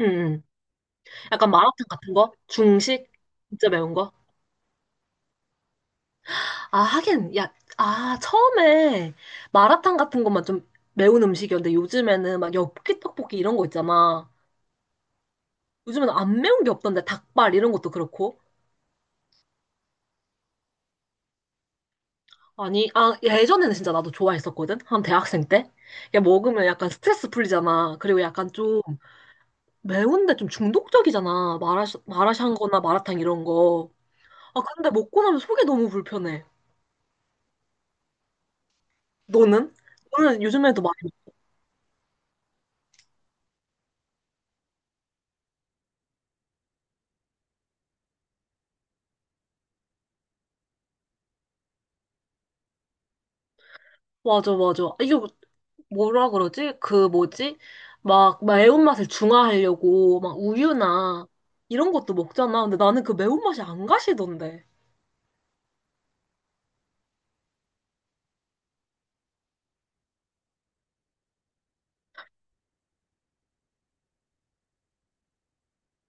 응, 응. 약간 마라탕 같은 거? 중식? 진짜 매운 거? 아, 하긴, 야, 처음에 마라탕 같은 것만 좀 매운 음식이었는데 요즘에는 막 엽기 떡볶이 이런 거 있잖아. 요즘에는 안 매운 게 없던데 닭발 이런 것도 그렇고. 아니, 예전에는 진짜 나도 좋아했었거든? 한 대학생 때? 야, 먹으면 약간 스트레스 풀리잖아. 그리고 약간 좀 매운데 좀 중독적이잖아. 마라샹 거나 마라탕 이런 거. 아, 근데 먹고 나면 속이 너무 불편해. 너는? 너는 요즘에도 많이 맞아, 맞아. 이거 뭐라 그러지? 그 뭐지? 막 매운맛을 중화하려고 막 우유나 이런 것도 먹잖아. 근데 나는 그 매운맛이 안 가시던데.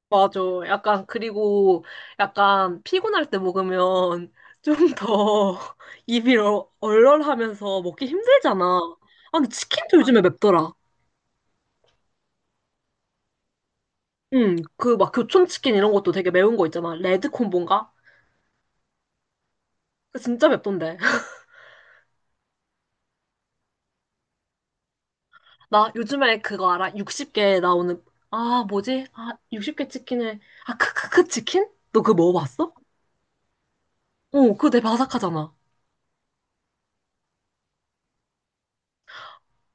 맞아. 약간 그리고 약간 피곤할 때 먹으면 좀 더 입이 얼얼하면서 먹기 힘들잖아. 아, 근데 치킨도 요즘에 맵더라. 응, 그 막 교촌치킨 이런 것도 되게 매운 거 있잖아. 레드콤보인가? 그거 진짜 맵던데. 나 요즘에 그거 알아? 60개 나오는, 아, 뭐지? 아, 60개 치킨을, 아, 크크크 치킨? 너 그거 먹어봤어? 어, 그거 되게 바삭하잖아.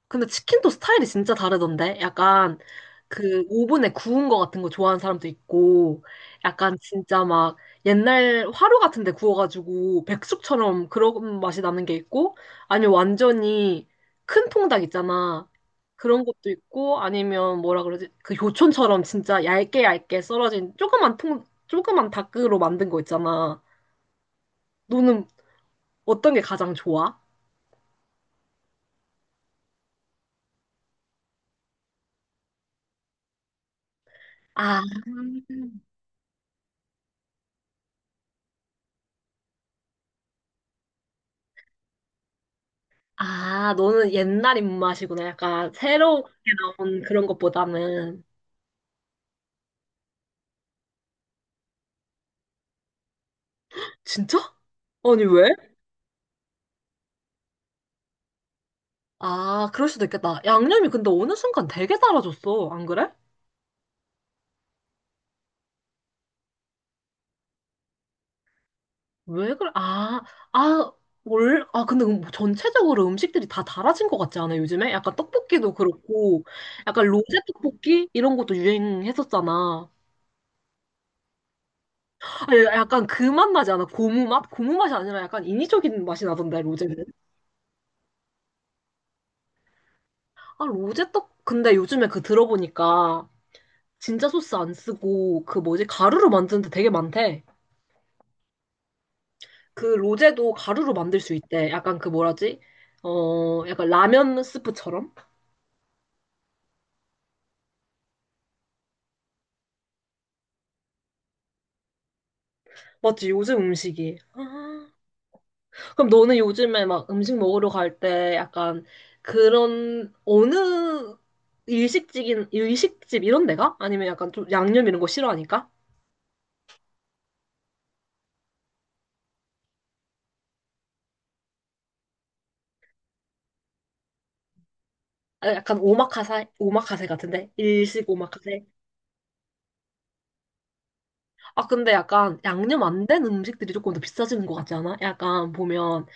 근데 치킨도 스타일이 진짜 다르던데? 약간 그 오븐에 구운 거 같은 거 좋아하는 사람도 있고, 약간 진짜 막 옛날 화로 같은 데 구워가지고 백숙처럼 그런 맛이 나는 게 있고, 아니면 완전히 큰 통닭 있잖아. 그런 것도 있고, 아니면 뭐라 그러지? 그 요촌처럼 진짜 얇게 얇게 썰어진 조그만 통, 조그만 닭으로 만든 거 있잖아. 너는 어떤 게 가장 좋아? 아, 아, 너는 옛날 입맛이구나. 약간 새롭게 나온 그런 것보다는. 진짜? 아니, 왜? 아, 그럴 수도 있겠다. 양념이 근데 어느 순간 되게 달아졌어. 안 그래? 왜 그래? 아, 아, 올, 아, 근데 전체적으로 음식들이 다 달아진 것 같지 않아, 요즘에? 약간 떡볶이도 그렇고, 약간 로제 떡볶이? 이런 것도 유행했었잖아. 아니, 약간 그 맛 나지 않아? 고무 맛? 고무 맛이 아니라 약간 인위적인 맛이 나던데, 로제는. 아, 로제 떡, 근데 요즘에 그 들어보니까 진짜 소스 안 쓰고 그 뭐지? 가루로 만드는 데 되게 많대. 그 로제도 가루로 만들 수 있대. 약간 그 뭐라지? 어, 약간 라면 스프처럼? 맞지? 요즘 음식이. 아, 그럼 너는 요즘에 막 음식 먹으러 갈 때 약간 그런 어느 일식집 이런 데가? 아니면 약간 좀 양념 이런 거 싫어하니까? 아, 약간 오마카세 같은데? 일식 오마카세? 아, 근데 약간 양념 안 된 음식들이 조금 더 비싸지는 것 같지 않아? 약간 보면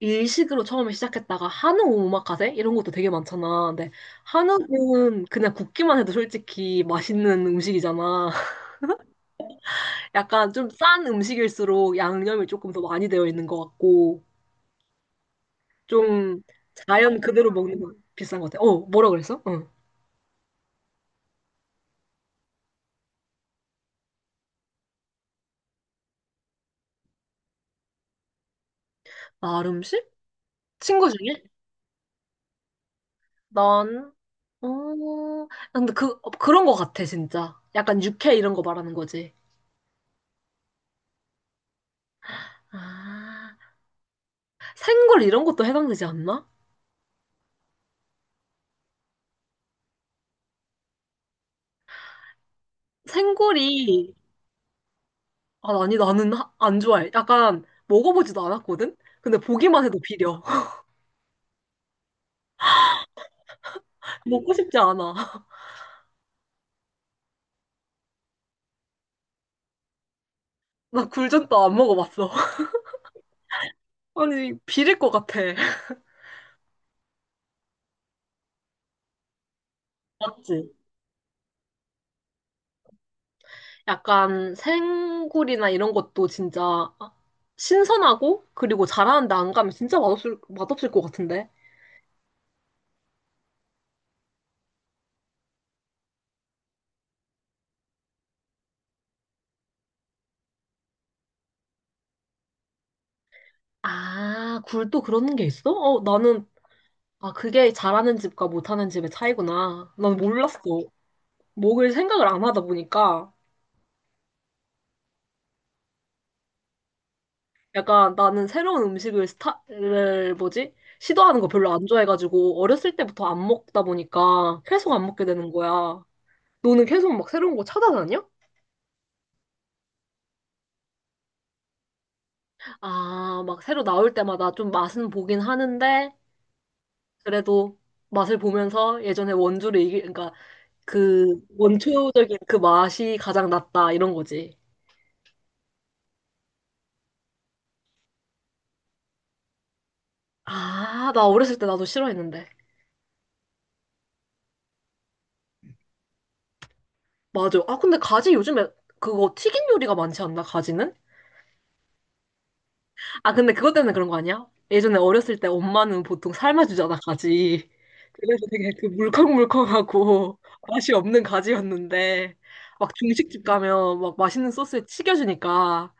일식으로 처음에 시작했다가 한우 오마카세 이런 것도 되게 많잖아. 근데 한우는 그냥 굽기만 해도 솔직히 맛있는 음식이잖아. 약간 좀 싼 음식일수록 양념이 조금 더 많이 되어 있는 것 같고 좀 자연 그대로 먹는 건 비싼 것 같아. 어, 뭐라 그랬어? 응. 날 음식? 친구 중에? 난 어, 근데 그 그런 것 같아 진짜. 약간 육회 이런 거 말하는 거지. 아, 생굴 이런 것도 해당되지 않나? 생굴이 아, 아니, 나는 안 좋아해. 약간 먹어보지도 않았거든? 근데 보기만 해도 비려. 먹고 싶지 않아. 나 굴전도 안 먹어봤어. 아니, 비릴 것 같아. 맞지? 약간 생굴이나 이런 것도 진짜 신선하고 그리고 잘하는데 안 가면 진짜 맛없을 것 같은데? 아, 굴도 그런 게 있어? 어, 나는, 아, 그게 잘하는 집과 못하는 집의 차이구나. 난 몰랐어. 먹을 생각을 안 하다 보니까. 약간 나는 새로운 음식을 스타를 뭐지? 시도하는 거 별로 안 좋아해가지고 어렸을 때부터 안 먹다 보니까 계속 안 먹게 되는 거야. 너는 계속 막 새로운 거 찾아다녀? 아, 막 새로 나올 때마다 좀 맛은 보긴 하는데 그래도 맛을 보면서 예전에 원조를 이기, 그러니까 그 원초적인 그 맛이 가장 낫다 이런 거지. 아, 나 어렸을 때 나도 싫어했는데. 맞아. 아, 근데 가지 요즘에 그거 튀긴 요리가 많지 않나, 가지는? 아, 근데 그것 때문에 그런 거 아니야? 예전에 어렸을 때 엄마는 보통 삶아주잖아, 가지. 그래서 되게 그 물컹물컹하고 맛이 없는 가지였는데, 막 중식집 가면 막 맛있는 소스에 튀겨주니까.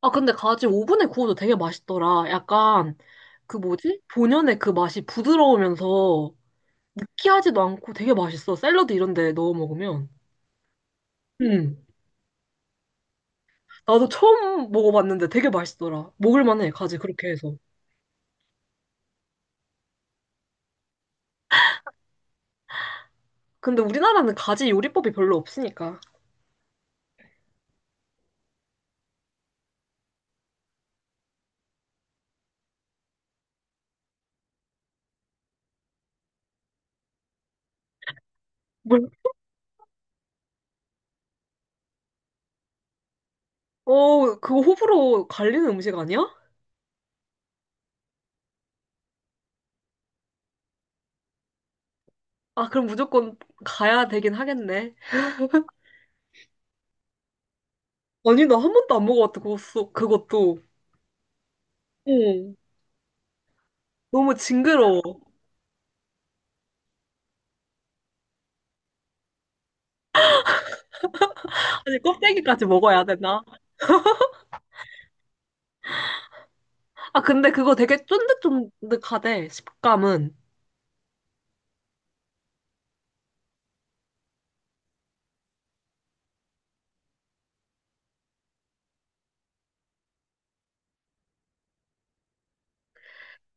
아, 근데 가지 오븐에 구워도 되게 맛있더라. 약간 그 뭐지? 본연의 그 맛이 부드러우면서 느끼하지도 않고 되게 맛있어. 샐러드 이런 데 넣어 먹으면. 음. 나도 처음 먹어봤는데 되게 맛있더라. 먹을 만해, 가지 그렇게 해서. 근데 우리나라는 가지 요리법이 별로 없으니까. 뭘? 어, 그거 호불호 갈리는 음식 아니야? 아, 그럼 무조건 가야 되긴 하겠네. 아니, 나 한 번도 안 먹어봤다, 그것도. 그것도. 응. 너무 징그러워. 아니, 껍데기까지 먹어야 되나? 아, 근데 그거 되게 쫀득쫀득하대, 식감은.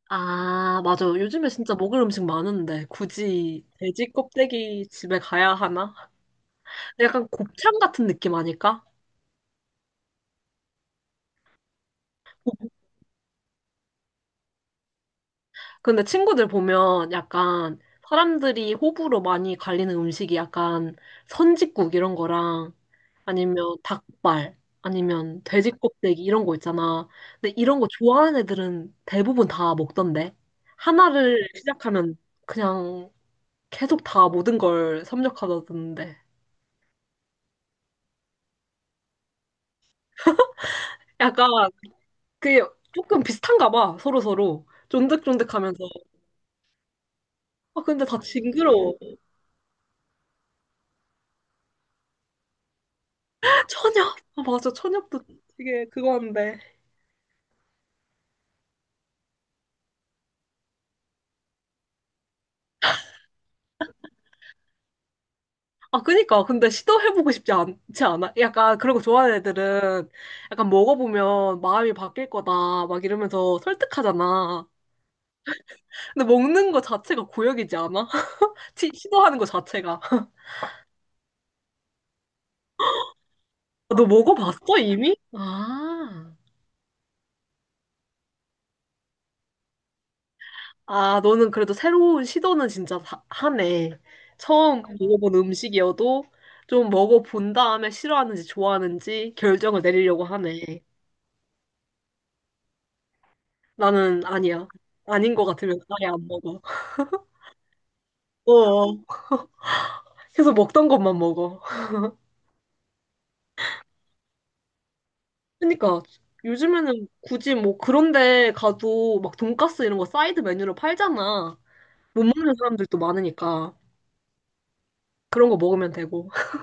아, 맞아. 요즘에 진짜 먹을 음식 많은데, 굳이 돼지 껍데기 집에 가야 하나? 약간 곱창 같은 느낌 아닐까? 근데 친구들 보면 약간 사람들이 호불호 많이 갈리는 음식이 약간 선짓국 이런 거랑 아니면 닭발 아니면 돼지 껍데기 이런 거 있잖아. 근데 이런 거 좋아하는 애들은 대부분 다 먹던데. 하나를 시작하면 그냥 계속 다 모든 걸 섭렵하던데. 약간 그게 조금 비슷한가 봐. 서로서로. 쫀득쫀득하면서. 아 근데 다 징그러워. 천엽. 아 맞아. 천엽도 되게 그거 한데. 아, 그니까. 근데 시도해보고 싶지 않지 않아? 약간 그런 거 좋아하는 애들은 약간 먹어보면 마음이 바뀔 거다. 막 이러면서 설득하잖아. 근데 먹는 거 자체가 고역이지 않아? 시도하는 거 자체가. 너 먹어봤어, 이미? 아. 아, 너는 그래도 새로운 시도는 진짜 하네. 처음 먹어본 음식이어도 좀 먹어본 다음에 싫어하는지 좋아하는지 결정을 내리려고 하네. 나는 아니야. 아닌 것 같으면 아예 안 먹어. 어. 계속 먹던 것만 먹어. 그러니까 요즘에는 굳이 뭐 그런 데 가도 막 돈가스 이런 거 사이드 메뉴로 팔잖아. 못 먹는 사람들도 많으니까 그런 거 먹으면 되고.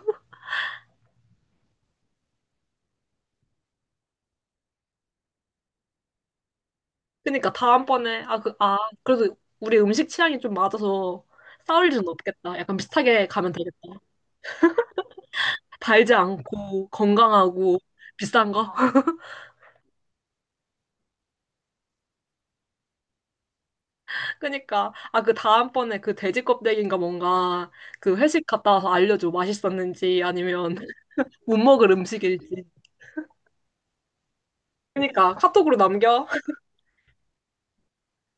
그러니까 다음번에 아, 그, 아, 그래도 우리 음식 취향이 좀 맞아서 싸울 일은 없겠다. 약간 비슷하게 가면 되겠다. 달지 않고 건강하고 비싼 거. 그러니까 아, 그 다음번에 그 돼지 껍데기인가 뭔가 그 회식 갔다 와서 알려줘. 맛있었는지 아니면 못 먹을 음식일지. 그러니까 카톡으로 남겨.